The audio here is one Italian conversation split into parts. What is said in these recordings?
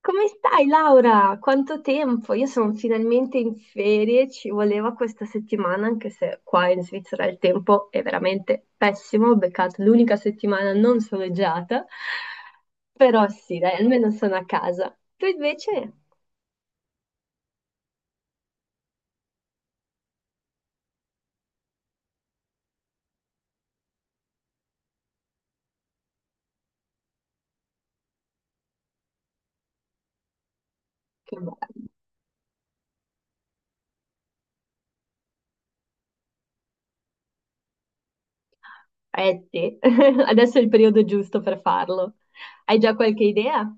Come stai, Laura? Quanto tempo? Io sono finalmente in ferie, ci voleva questa settimana, anche se qua in Svizzera il tempo è veramente pessimo, ho beccato l'unica settimana non soleggiata, però sì, dai, almeno sono a casa. Tu invece? Che bello. Eh sì, adesso è il periodo giusto per farlo. Hai già qualche idea?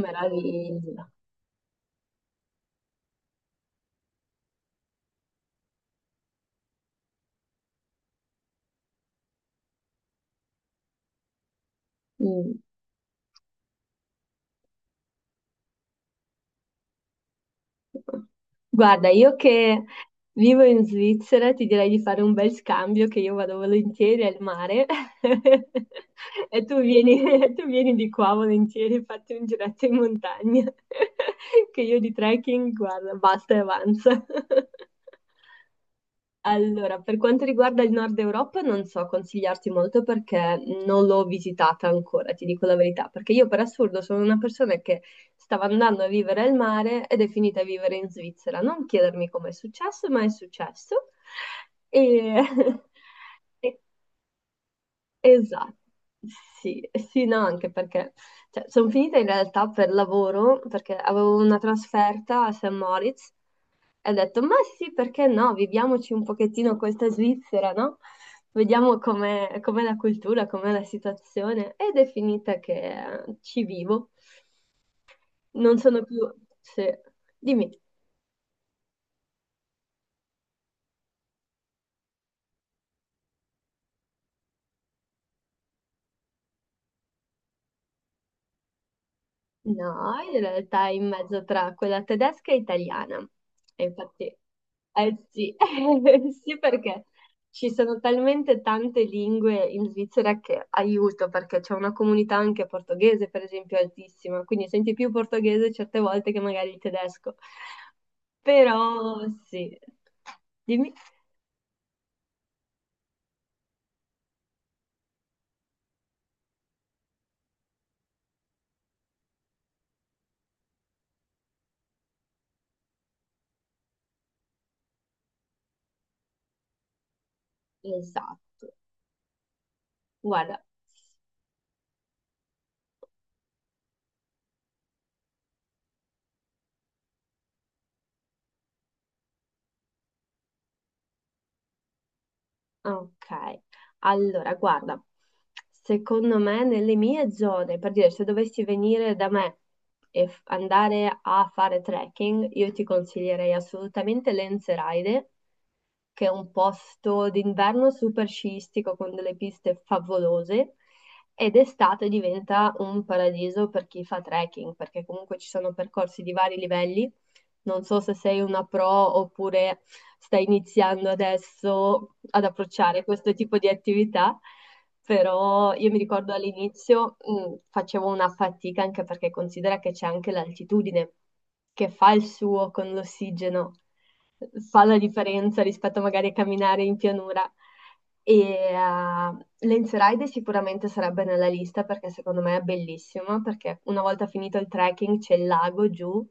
Meraviglia. Mm. Guarda, io che vivo in Svizzera ti direi di fare un bel scambio che io vado volentieri al mare e tu vieni, tu vieni di qua volentieri, fatti un giretto in montagna, che io di trekking, guarda, basta e avanza. Allora, per quanto riguarda il Nord Europa, non so consigliarti molto perché non l'ho visitata ancora, ti dico la verità, perché io per assurdo sono una persona che stava andando a vivere al mare ed è finita a vivere in Svizzera. Non chiedermi come è successo, ma è successo. E... e- Esatto, sì, sì, no, anche perché sono finita in realtà per lavoro, perché avevo una trasferta a St. Moritz. E ho detto, ma sì, perché no? Viviamoci un pochettino questa Svizzera, no? Vediamo com'è la cultura, com'è la situazione. Ed è finita che ci vivo. Non sono più... Sì, dimmi. No, in realtà è in mezzo tra quella tedesca e italiana. E infatti, eh sì, sì, perché ci sono talmente tante lingue in Svizzera che aiuto, perché c'è una comunità anche portoghese, per esempio, altissima, quindi senti più portoghese certe volte che magari il tedesco. Però sì, dimmi. Esatto, guarda. Ok, allora guarda, secondo me nelle mie zone, per dire se dovessi venire da me e andare a fare trekking, io ti consiglierei assolutamente Lenzerheide, che è un posto d'inverno super sciistico con delle piste favolose ed estate diventa un paradiso per chi fa trekking, perché comunque ci sono percorsi di vari livelli non so se sei una pro oppure stai iniziando adesso ad approcciare questo tipo di attività, però io mi ricordo all'inizio facevo una fatica anche perché considera che c'è anche l'altitudine che fa il suo con l'ossigeno fa la differenza rispetto magari a camminare in pianura. E Lenze Ride sicuramente sarebbe nella lista perché secondo me è bellissimo, perché una volta finito il trekking c'è il lago giù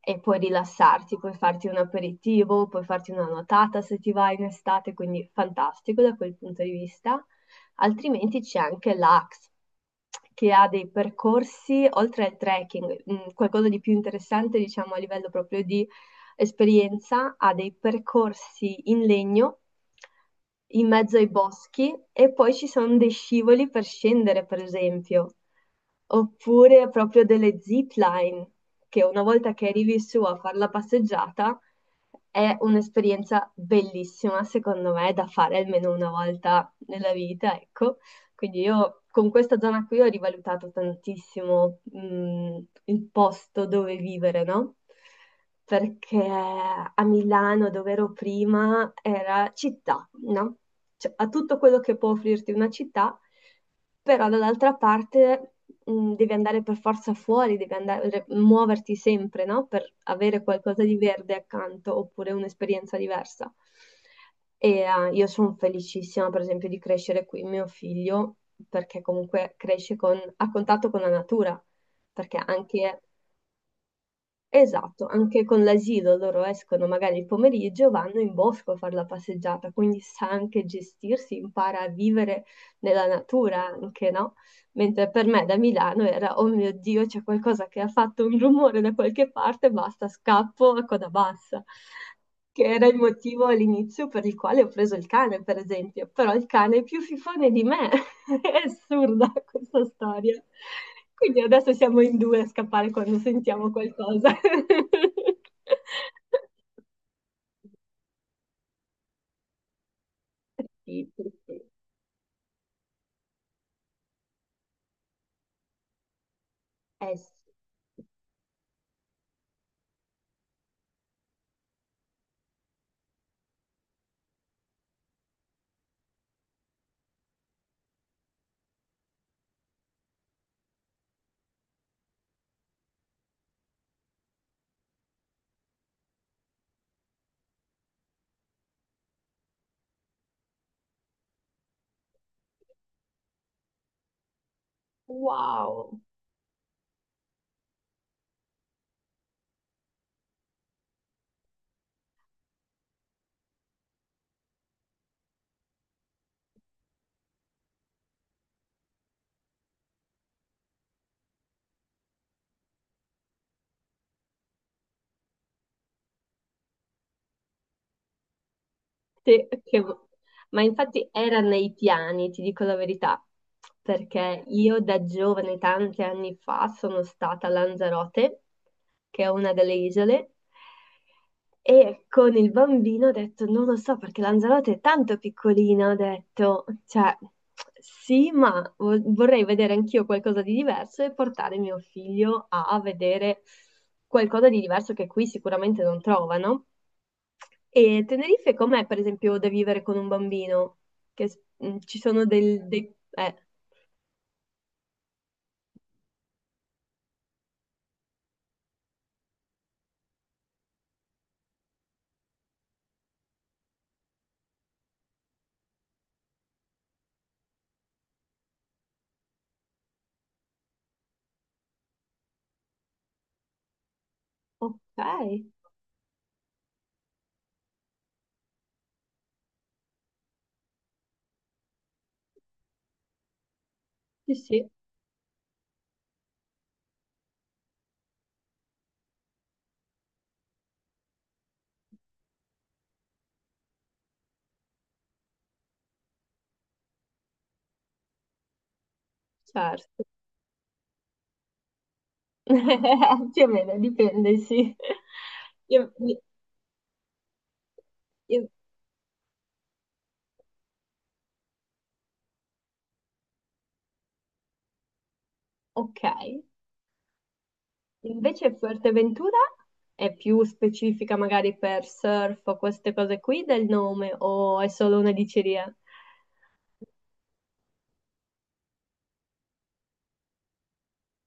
e puoi rilassarti, puoi farti un aperitivo, puoi farti una nuotata se ti vai in estate, quindi fantastico da quel punto di vista. Altrimenti c'è anche l'Axe, che ha dei percorsi, oltre al trekking, qualcosa di più interessante, diciamo, a livello proprio di esperienza a dei percorsi in legno in mezzo ai boschi e poi ci sono dei scivoli per scendere, per esempio, oppure proprio delle zipline, che una volta che arrivi su a fare la passeggiata è un'esperienza bellissima, secondo me, da fare almeno una volta nella vita, ecco. Quindi io con questa zona qui ho rivalutato tantissimo, il posto dove vivere, no? Perché a Milano, dove ero prima, era città, no? Cioè, ha tutto quello che può offrirti una città, però dall'altra parte devi andare per forza fuori, devi andare, muoverti sempre, no? Per avere qualcosa di verde accanto oppure un'esperienza diversa. E io sono felicissima, per esempio, di crescere qui mio figlio, perché comunque cresce con, a contatto con la natura, perché anche, esatto, anche con l'asilo loro escono magari il pomeriggio, vanno in bosco a fare la passeggiata, quindi sa anche gestirsi, impara a vivere nella natura anche, no? Mentre per me da Milano era, oh mio Dio, c'è qualcosa che ha fatto un rumore da qualche parte, basta, scappo a coda bassa, che era il motivo all'inizio per il quale ho preso il cane, per esempio. Però il cane è più fifone di me, è assurda questa storia. Quindi adesso siamo in due a scappare quando sentiamo qualcosa. Sì, sì, sì. Eh sì. Wow. Sì, ma infatti era nei piani, ti dico la verità, perché io da giovane, tanti anni fa, sono stata a Lanzarote, che è una delle isole, e con il bambino ho detto, non lo so, perché Lanzarote è tanto piccolina, ho detto, cioè, sì, ma vorrei vedere anch'io qualcosa di diverso e portare mio figlio a vedere qualcosa di diverso che qui sicuramente non trovano. E Tenerife com'è, per esempio, da vivere con un bambino? Che ci sono dei... ok, sì, sì, certo. Più o meno, dipende, sì. Io- io- ok. Invece Fuerteventura è più specifica magari per surf o queste cose qui del nome, o è solo una diceria?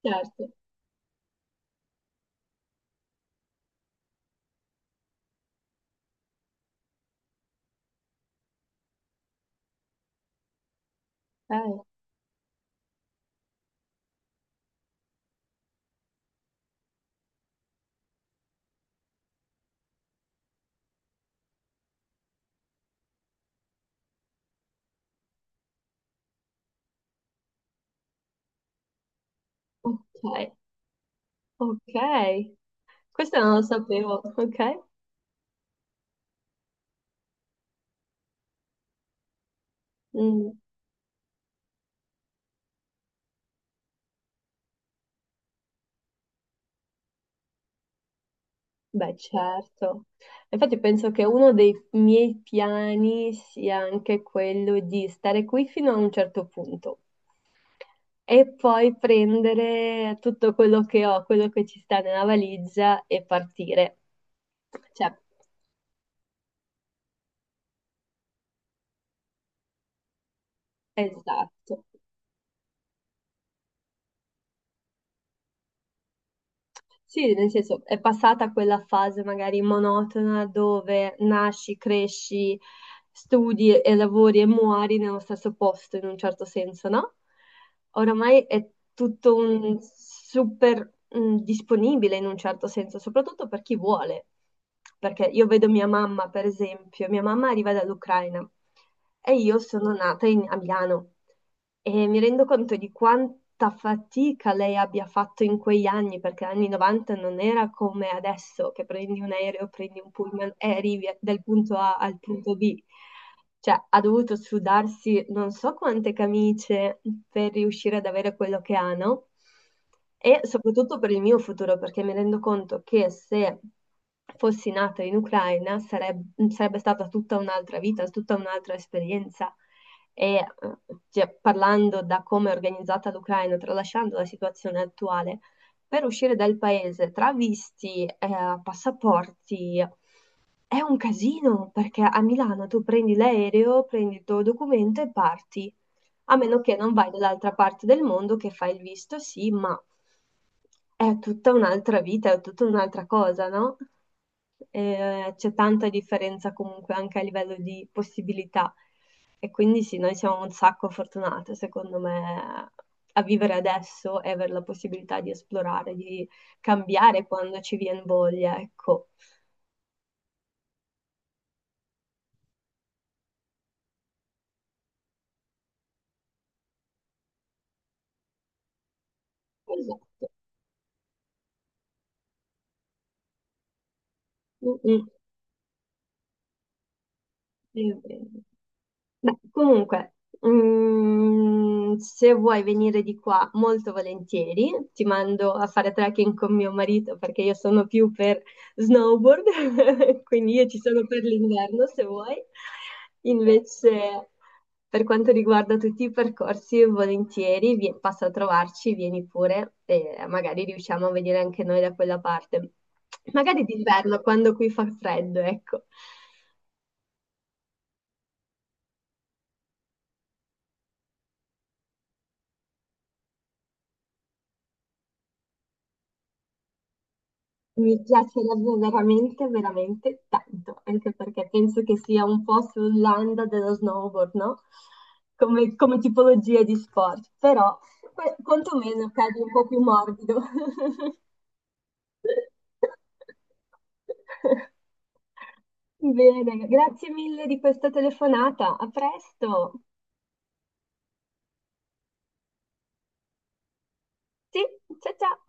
Certo. Eh, ok, ok. Questo non lo sapevo, ok? Mm. Beh, certo. Infatti penso che uno dei miei piani sia anche quello di stare qui fino a un certo punto e poi prendere tutto quello che ho, quello che ci sta nella valigia e partire. Cioè, esatto. Sì, nel senso è passata quella fase magari monotona dove nasci, cresci, studi e lavori e muori nello stesso posto in un certo senso, no? Oramai è tutto un super disponibile in un certo senso, soprattutto per chi vuole. Perché io vedo mia mamma, per esempio, mia mamma arriva dall'Ucraina e io sono nata a Milano. E mi rendo conto di quanta fatica lei abbia fatto in quegli anni, perché negli anni 90 non era come adesso, che prendi un aereo, prendi un pullman e arrivi dal punto A al punto B. Cioè, ha dovuto sudarsi non so quante camicie per riuscire ad avere quello che ha, no? E soprattutto per il mio futuro, perché mi rendo conto che se fossi nata in Ucraina sarebbe stata tutta un'altra vita, tutta un'altra esperienza e cioè, parlando da come è organizzata l'Ucraina, tralasciando la situazione attuale, per uscire dal paese tra visti, passaporti, è un casino perché a Milano tu prendi l'aereo, prendi il tuo documento e parti a meno che non vai dall'altra parte del mondo che fai il visto, sì, ma è tutta un'altra vita, è tutta un'altra cosa, no? C'è tanta differenza comunque anche a livello di possibilità e quindi sì, noi siamo un sacco fortunate, secondo me, a vivere adesso e avere la possibilità di esplorare, di cambiare quando ci viene voglia, ecco. Esatto. Mm, mm. È vero. Beh, comunque, se vuoi venire di qua, molto volentieri, ti mando a fare trekking con mio marito perché io sono più per snowboard, quindi io ci sono per l'inverno se vuoi. Invece, per quanto riguarda tutti i percorsi, volentieri, passa a trovarci, vieni pure e magari riusciamo a venire anche noi da quella parte. Magari d'inverno, quando qui fa freddo, ecco. Mi piacerebbe veramente, veramente tanto, anche perché penso che sia un po' sull'anda dello snowboard, no? Come, come tipologia di sport, però quantomeno cadi un po' più morbido. Bene, grazie mille di questa telefonata. A presto. Sì, ciao ciao.